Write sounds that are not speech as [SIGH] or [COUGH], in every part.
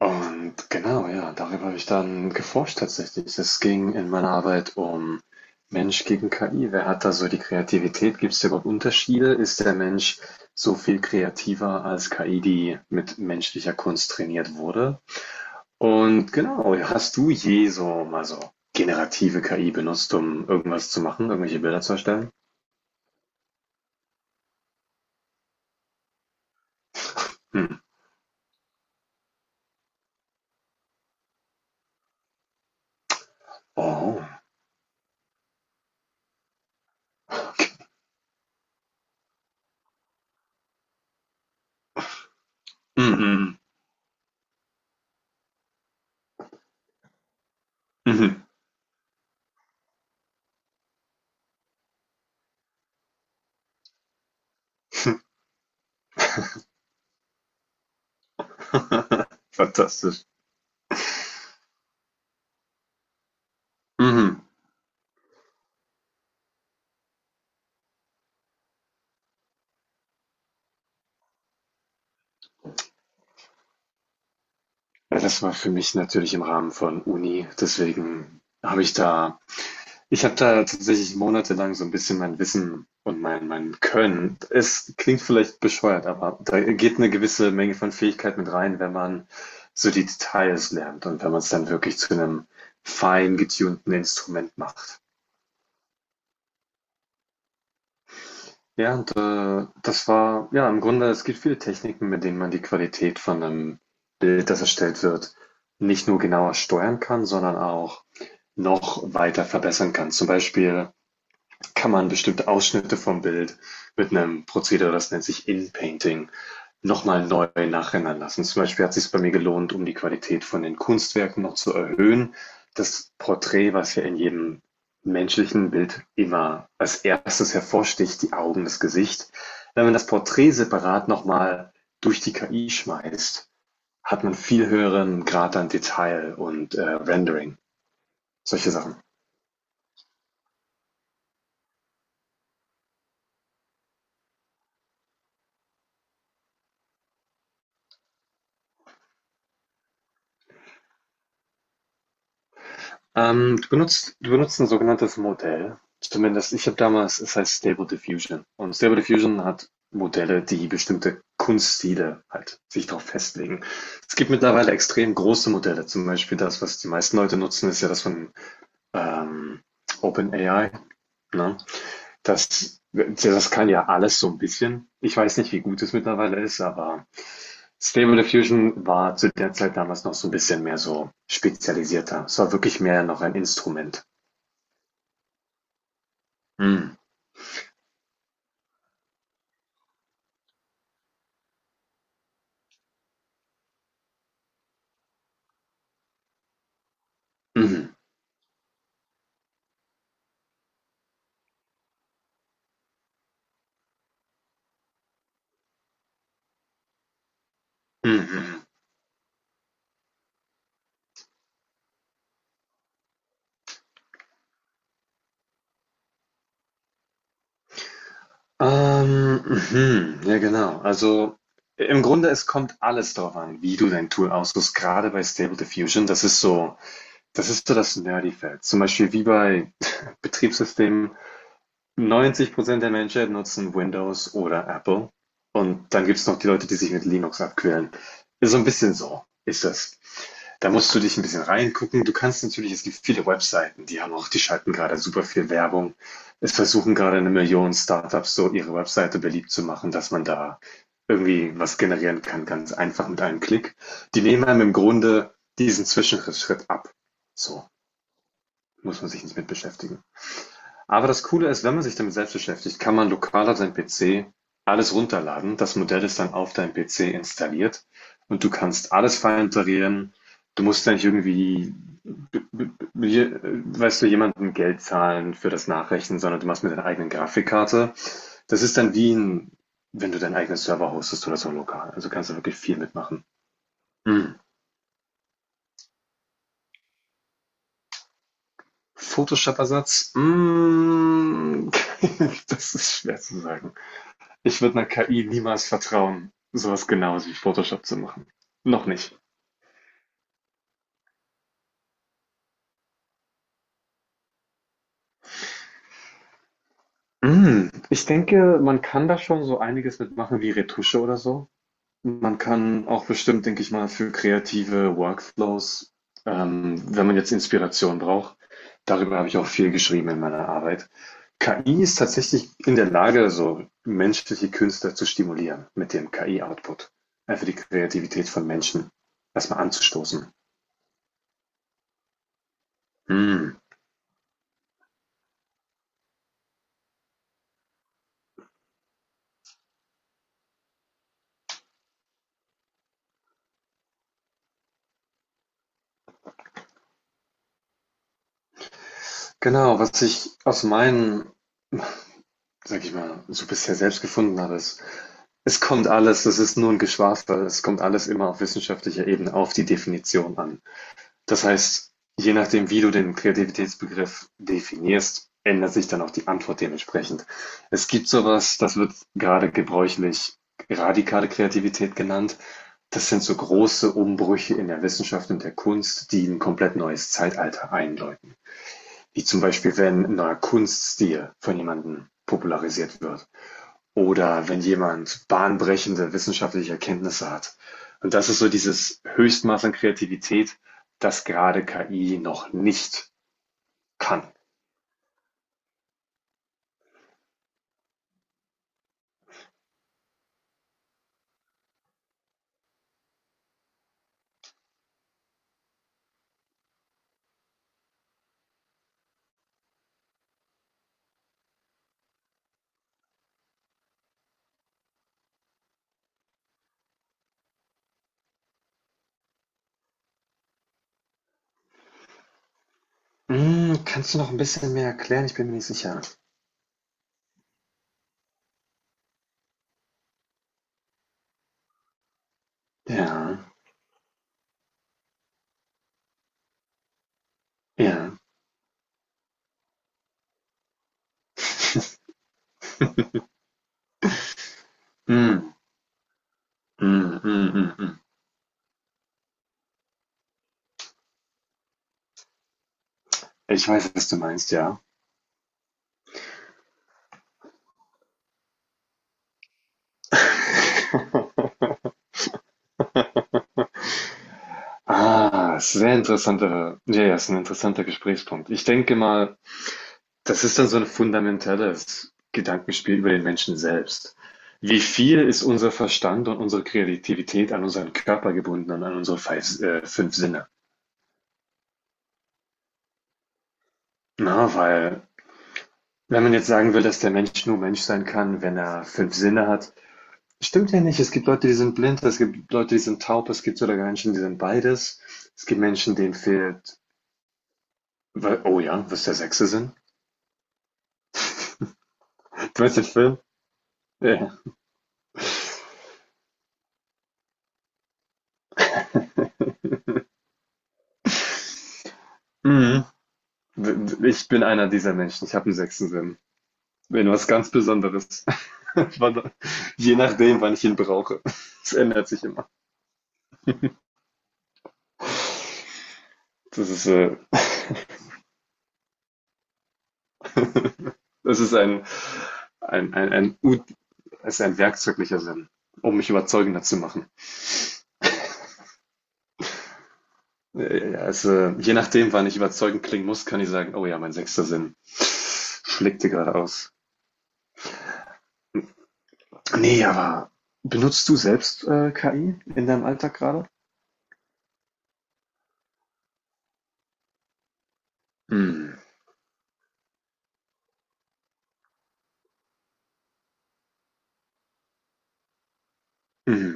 Und genau, ja, darüber habe ich dann geforscht tatsächlich. Es ging in meiner Arbeit um Mensch gegen KI. Wer hat da so die Kreativität? Gibt es da überhaupt Unterschiede? Ist der Mensch so viel kreativer als KI, die mit menschlicher Kunst trainiert wurde? Und genau, hast du je so mal so generative KI benutzt, um irgendwas zu machen, irgendwelche Bilder zu erstellen? Hm. Oh. Mhm. Mhm. [LAUGHS] Fantastisch. Mhm. Ja, das war für mich natürlich im Rahmen von Uni, deswegen habe ich da ich habe da tatsächlich monatelang so ein bisschen mein Wissen und mein Können, es klingt vielleicht bescheuert, aber da geht eine gewisse Menge von Fähigkeit mit rein, wenn man so die Details lernt und wenn man es dann wirklich zu einem fein getunten Instrument macht. Ja, und das war, ja, im Grunde, es gibt viele Techniken, mit denen man die Qualität von einem Bild, das erstellt wird, nicht nur genauer steuern kann, sondern auch noch weiter verbessern kann. Zum Beispiel kann man bestimmte Ausschnitte vom Bild mit einem Prozedere, das nennt sich In-Painting, nochmal neu nachrendern lassen. Zum Beispiel hat es sich bei mir gelohnt, um die Qualität von den Kunstwerken noch zu erhöhen, das Porträt, was ja in jedem menschlichen Bild immer als erstes hervorsticht, die Augen, das Gesicht. Wenn man das Porträt separat nochmal durch die KI schmeißt, hat man viel höheren Grad an Detail und Rendering, solche Sachen. Du benutzt ein sogenanntes Modell. Zumindest, ich habe damals, es heißt Stable Diffusion. Und Stable Diffusion hat Modelle, die bestimmte Kunststile halt sich darauf festlegen. Es gibt mittlerweile extrem große Modelle. Zum Beispiel das, was die meisten Leute nutzen, ist ja das von ähm, OpenAI. Ne? Das kann ja alles so ein bisschen. Ich weiß nicht, wie gut es mittlerweile ist, aber Stable Diffusion war zu der Zeit damals noch so ein bisschen mehr so spezialisierter. Es war wirklich mehr noch ein Instrument. Mhm. Mhm. Mhm. Mhm. Ja, genau. Also im Grunde, es kommt alles darauf an, wie du dein Tool aussuchst, gerade bei Stable Diffusion. Das ist so das Nerdy-Feld. Zum Beispiel wie bei [LAUGHS] Betriebssystemen. 90% der Menschen nutzen Windows oder Apple. Und dann gibt es noch die Leute, die sich mit Linux abquälen. Ist so ein bisschen so, ist das. Da musst du dich ein bisschen reingucken. Du kannst natürlich, es gibt viele Webseiten, die haben auch, die schalten gerade super viel Werbung. Es versuchen gerade eine Million Startups so ihre Webseite beliebt zu machen, dass man da irgendwie was generieren kann, ganz einfach mit einem Klick. Die nehmen einem im Grunde diesen Zwischenschritt ab. So muss man sich nicht mit beschäftigen. Aber das Coole ist, wenn man sich damit selbst beschäftigt, kann man lokal auf seinem PC alles runterladen. Das Modell ist dann auf deinem PC installiert und du kannst alles vorinstallieren. Du musst ja nicht irgendwie, weißt du, jemandem Geld zahlen für das Nachrechnen, sondern du machst mit deiner eigenen Grafikkarte. Das ist dann wie ein, wenn du deinen eigenen Server hostest oder so lokal. Also kannst du wirklich viel mitmachen. Mm. Photoshop-Ersatz? Mm. [LAUGHS] Das ist schwer zu sagen. Ich würde 'ner KI niemals vertrauen, sowas was Genaues wie Photoshop zu machen. Noch nicht. Hm, ich denke, man kann da schon so einiges mitmachen, wie Retusche oder so. Man kann auch bestimmt, denke ich mal, für kreative Workflows, wenn man jetzt Inspiration braucht. Darüber habe ich auch viel geschrieben in meiner Arbeit. KI ist tatsächlich in der Lage, so menschliche Künstler zu stimulieren mit dem KI-Output. Einfach die Kreativität von Menschen erstmal anzustoßen. Hm. Genau, was ich aus meinen, sag ich mal, so bisher selbst gefunden habe, ist, es kommt alles, das ist nur ein Geschwafel, es kommt alles immer auf wissenschaftlicher Ebene auf die Definition an. Das heißt, je nachdem, wie du den Kreativitätsbegriff definierst, ändert sich dann auch die Antwort dementsprechend. Es gibt sowas, das wird gerade gebräuchlich radikale Kreativität genannt. Das sind so große Umbrüche in der Wissenschaft und der Kunst, die ein komplett neues Zeitalter einläuten. Wie zum Beispiel, wenn ein neuer Kunststil von jemandem popularisiert wird oder wenn jemand bahnbrechende wissenschaftliche Erkenntnisse hat. Und das ist so dieses Höchstmaß an Kreativität, das gerade KI noch nicht kann. Mm, kannst du noch ein bisschen mehr erklären? Ich bin mir nicht sicher. Ja, ja. Mm, mm, mm, mm, mm. Ich weiß, was du meinst, ja. Ah, sehr interessanter. Ja, ja, ist ein interessanter Gesprächspunkt. Ich denke mal, das ist dann so 'n fundamentales Gedankenspiel über den Menschen selbst. Wie viel ist unser Verstand und unsere Kreativität an unseren Körper gebunden und an unsere feis 5 Sinne? Na, weil wenn man jetzt sagen will, dass der Mensch nur Mensch sein kann, wenn er 5 Sinne hat, stimmt ja nicht. Es gibt Leute, die sind blind, es gibt Leute, die sind taub, es gibt sogar Menschen, die sind beides. Es gibt Menschen, denen fehlt. Wei oh ja, was ist der sechste Sinn? Du meinst den Film? Ja. Mhm. Ich bin einer dieser Menschen. Ich habe 'n sechsten Sinn. Wenn was ganz Besonderes. [LAUGHS] Wann- Je nachdem, wann ich ihn brauche. Es ändert sich immer. Das ist, äh, [LAUGHS] Das ist ein, Ut- ist ein werkzeuglicher Sinn, um mich überzeugender zu machen. Ja, es, je nachdem, wann ich überzeugend klingen muss, kann ich sagen, oh ja, mein sechster Sinn schlägt dir gerade aus. Nee, aber benutzt du selbst KI in deinem Alltag gerade? Hm. Hm.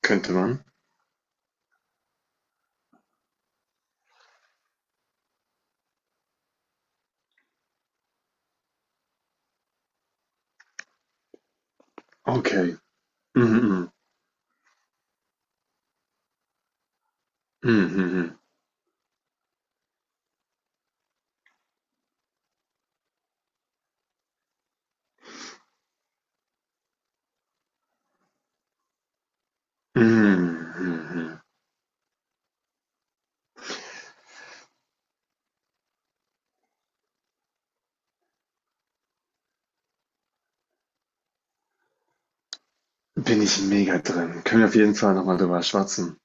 Könnte man. Okay. Mhm, mhm. Mhm, mhm. Mhm, mhm. Mhm. Bin ich mega drin. Können wir auf jeden Fall nochmal drüber schwatzen.